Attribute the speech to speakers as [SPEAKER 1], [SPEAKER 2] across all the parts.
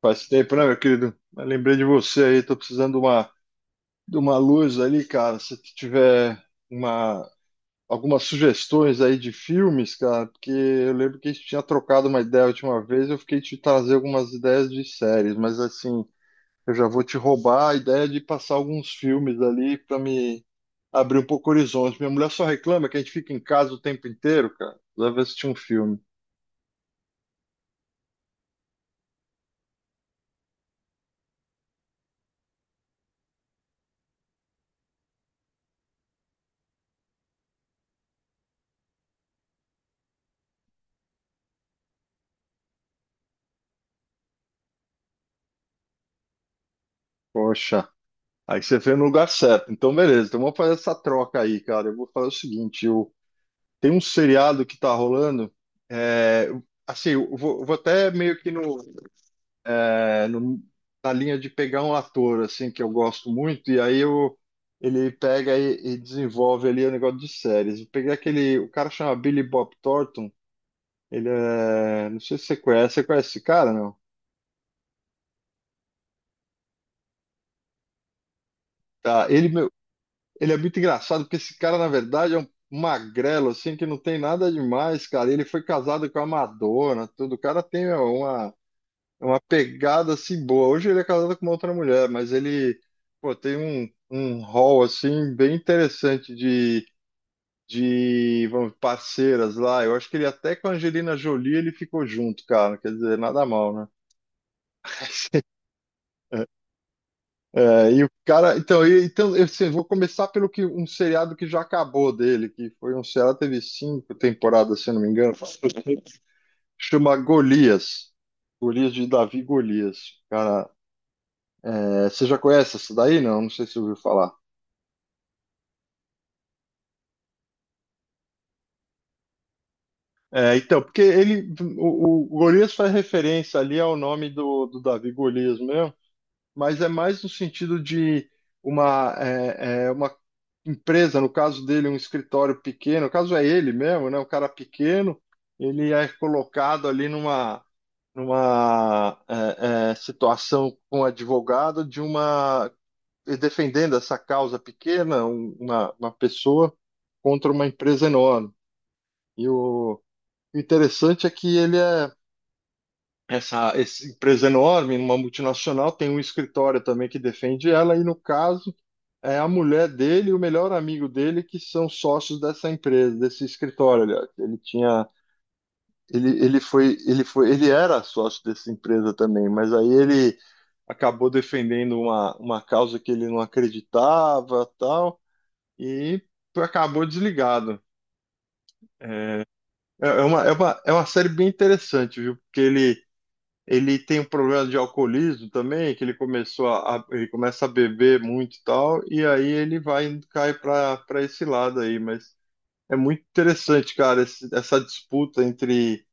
[SPEAKER 1] Faz tempo, né, meu querido? Mas lembrei de você aí, tô precisando de uma luz ali, cara. Se tu tiver uma, algumas sugestões aí de filmes, cara, porque eu lembro que a gente tinha trocado uma ideia a última vez, eu fiquei te trazer algumas ideias de séries, mas assim, eu já vou te roubar a ideia de passar alguns filmes ali pra me abrir um pouco o horizonte. Minha mulher só reclama que a gente fica em casa o tempo inteiro, cara. Deve assistir um filme. Poxa. Aí você veio no lugar certo. Então, beleza, então vamos fazer essa troca aí, cara. Eu vou fazer o seguinte: tem um seriado que tá rolando. é, assim, eu vou até meio que é, no- na linha de pegar um ator, assim, que eu gosto muito, e aí ele pega e desenvolve ali o negócio de séries. Eu peguei aquele. O cara chama Billy Bob Thornton. Ele é. Não sei se você conhece. Você conhece esse cara, não? Tá, ele é muito engraçado, porque esse cara, na verdade, é um magrelo, assim, que não tem nada demais, cara. Ele foi casado com a Madonna, tudo. O cara tem uma, uma pegada, assim, boa. Hoje ele é casado com uma outra mulher, mas ele, pô, tem um rol, assim, bem interessante de parceiras lá. Eu acho que ele até com a Angelina Jolie ele ficou junto, cara. Quer dizer, nada mal, né? É, e o cara, então, então eu assim, vou começar pelo que um seriado que já acabou dele, que foi um seriado teve 5 temporadas, se eu não me engano, chama Golias, Golias de Davi Golias. Cara, você já conhece essa daí? Não, não sei se você ouviu falar. É, então, porque o Golias faz referência ali ao nome do Davi Golias mesmo. Mas é mais no sentido de uma empresa, no caso dele, um escritório pequeno, no caso é ele mesmo, né? Um cara pequeno, ele é colocado ali numa situação com um advogado de uma defendendo essa causa pequena, uma pessoa contra uma empresa enorme. E o interessante é que essa empresa enorme, uma multinacional, tem um escritório também que defende ela, e no caso é a mulher dele e o melhor amigo dele que são sócios dessa empresa, desse escritório, aliás. Ele tinha, ele foi, ele foi, ele era sócio dessa empresa também, mas aí ele acabou defendendo uma causa que ele não acreditava, tal, e acabou desligado. É uma série bem interessante, viu? Porque ele tem um problema de alcoolismo também, que ele começou ele começa a beber muito e tal, e aí ele vai cai para esse lado aí, mas é muito interessante, cara, essa disputa entre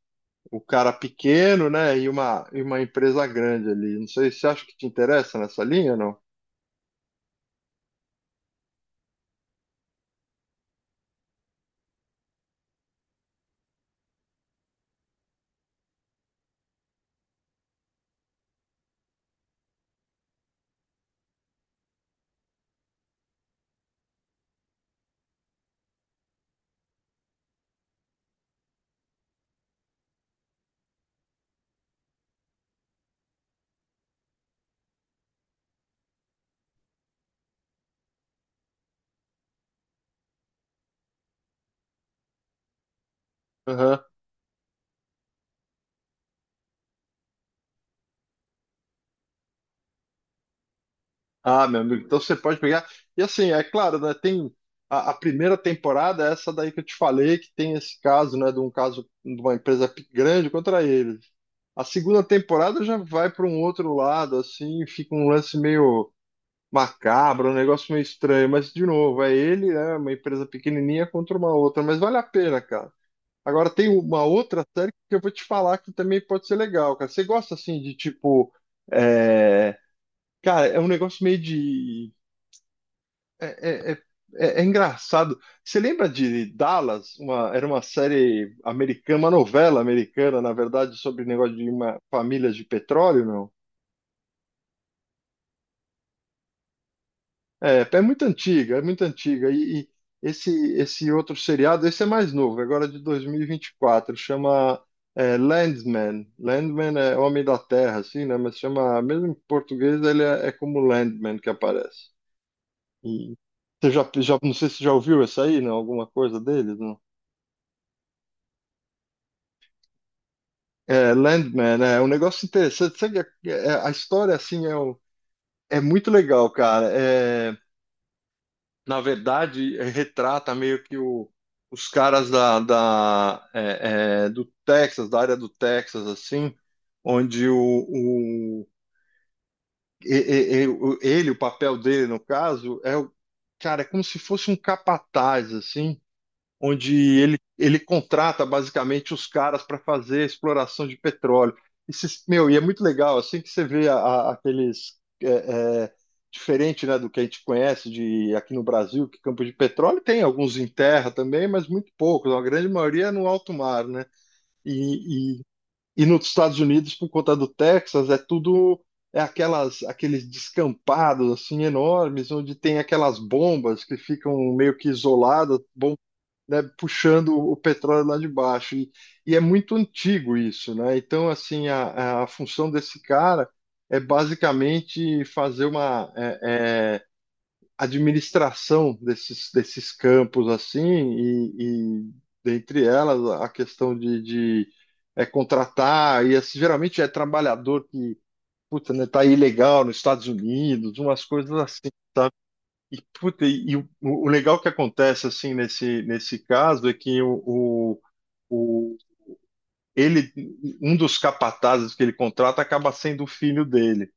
[SPEAKER 1] o cara pequeno, né, e uma empresa grande ali. Não sei, você acha que te interessa nessa linha ou não? Aham. Ah, meu amigo, então você pode pegar. E assim, é claro, né, tem a primeira temporada, é essa daí que eu te falei, que tem esse caso, né, de um caso de uma empresa grande contra eles. A segunda temporada já vai para um outro lado, assim, fica um lance meio macabro, um negócio meio estranho, mas de novo, é ele, né, uma empresa pequenininha contra uma outra, mas vale a pena, cara. Agora tem uma outra série que eu vou te falar que também pode ser legal, cara. Você gosta assim de tipo, é, cara, é um negócio meio de é, é, é- é engraçado. Você lembra de Dallas? Era uma série americana, uma novela americana, na verdade, sobre negócio de uma família de petróleo, não? É, é muito antiga, é muito antiga. E esse, esse outro seriado, esse é mais novo, agora é de 2024, chama Landman. Landman é Homem da Terra, assim, né? Mas chama, mesmo em português, ele é como Landman que aparece. E você já, não sei se já ouviu essa aí, não? Alguma coisa deles, não? É, Landman, é um negócio interessante. Sabe, a história, assim, é muito legal, cara. É, na verdade, retrata meio que os caras do Texas, da área do Texas, assim, onde o- e- o- ele, o papel dele, no caso, cara, é como se fosse um capataz, assim, onde ele contrata basicamente os caras para fazer exploração de petróleo. Meu, e é muito legal, assim que você vê aqueles. é, é, Diferente, né, do que a gente conhece de aqui no Brasil, que campo de petróleo tem alguns em terra também, mas muito poucos, a grande maioria é no alto mar, né? E, e, e nos Estados Unidos, por conta do Texas, é tudo. Aqueles descampados assim enormes, onde tem aquelas bombas que ficam meio que isoladas, né, puxando o petróleo lá de baixo. E é muito antigo isso, né? Então, assim, a função desse cara é basicamente fazer uma administração desses campos, assim, e dentre elas a questão de contratar, e assim, geralmente é trabalhador que, puta, né, tá ilegal nos Estados Unidos, umas coisas assim. E, puta, e o legal que acontece assim nesse caso é que o, ele, um dos capatazes que ele contrata acaba sendo o filho dele.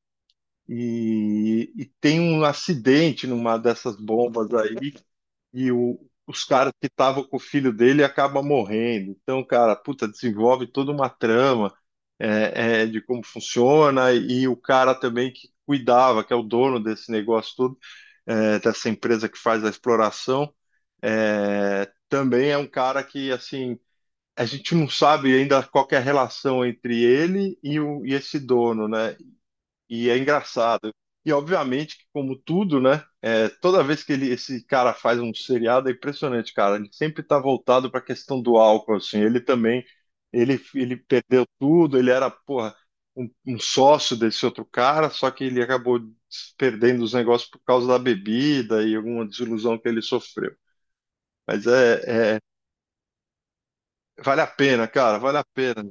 [SPEAKER 1] E tem um acidente numa dessas bombas aí, e os caras que estavam com o filho dele acabam morrendo. Então, cara, puta, desenvolve toda uma trama de como funciona, e o cara também que cuidava, que é o dono desse negócio todo, dessa empresa que faz a exploração, também é um cara que, assim, a gente não sabe ainda qual que é a relação entre ele e esse dono, né? E é engraçado. E obviamente que, como tudo, né? Toda vez que esse cara faz um seriado, é impressionante, cara. Ele sempre está voltado para a questão do álcool, assim. Ele também, ele perdeu tudo. Ele era, porra, um sócio desse outro cara, só que ele acabou perdendo os negócios por causa da bebida e alguma desilusão que ele sofreu. Mas vale a pena, cara, vale a pena.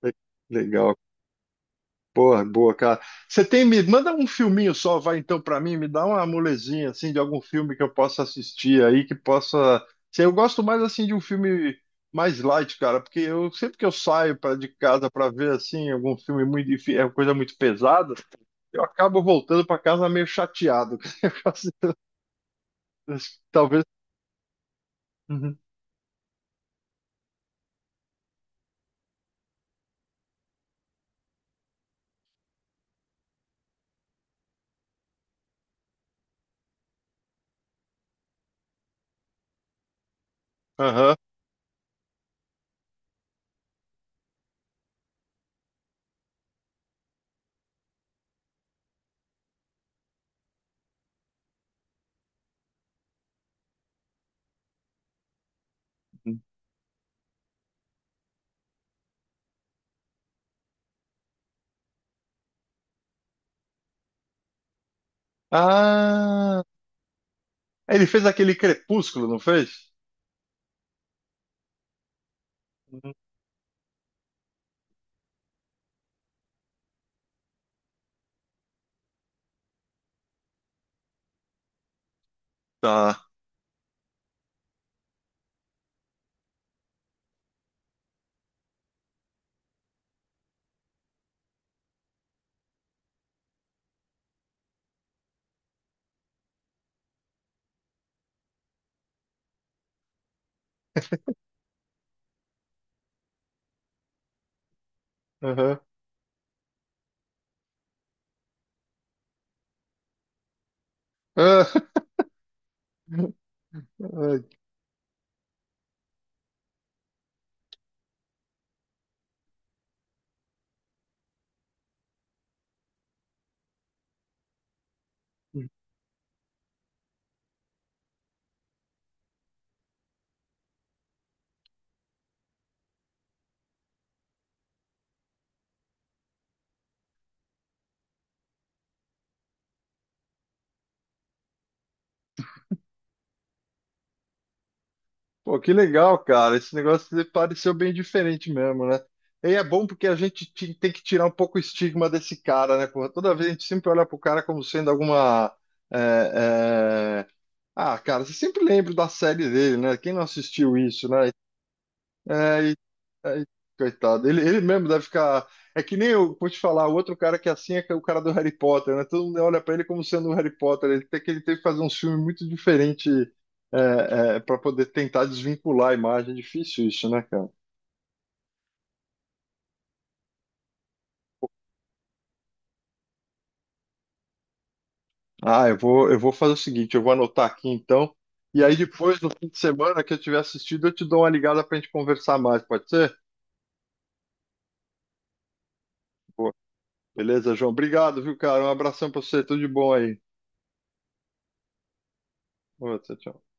[SPEAKER 1] Le- Legal. Porra, boa, cara. Você tem me manda um filminho só, vai então pra mim, me dá uma molezinha assim de algum filme que eu possa assistir aí que possa. Sei, eu gosto mais assim de um filme mais light, cara, porque eu sempre que eu saio para de casa pra ver assim algum filme muito é uma coisa muito pesada, eu acabo voltando pra casa meio chateado. Eu gosto- Talvez. Uhum. Aham. Uhum. Ah, ele fez aquele Crepúsculo, não fez? Uhum. Tá. Aham. Ah. Pô, que legal, cara. Esse negócio pareceu bem diferente mesmo, né? E é bom porque a gente tem que tirar um pouco o estigma desse cara, né? Porra, toda vez a gente sempre olha pro cara como sendo alguma. é, é, Ah, cara, você sempre lembra da série dele, né? Quem não assistiu isso, né? Ai, ai, coitado. Ele mesmo deve ficar. É que nem eu vou te falar, o outro cara que é assim é que é o cara do Harry Potter, né? Todo mundo olha pra ele como sendo o Harry Potter. Ele teve que fazer um filme muito diferente para poder tentar desvincular a imagem. É difícil isso, né, cara? Ah, eu vou fazer o seguinte, eu vou anotar aqui então. E aí depois, no fim de semana que eu tiver assistido, eu te dou uma ligada pra gente conversar mais, pode ser? Boa. Beleza, João? Obrigado, viu, cara? Um abração pra você, tudo de bom aí. Boa, Tchau, tchau.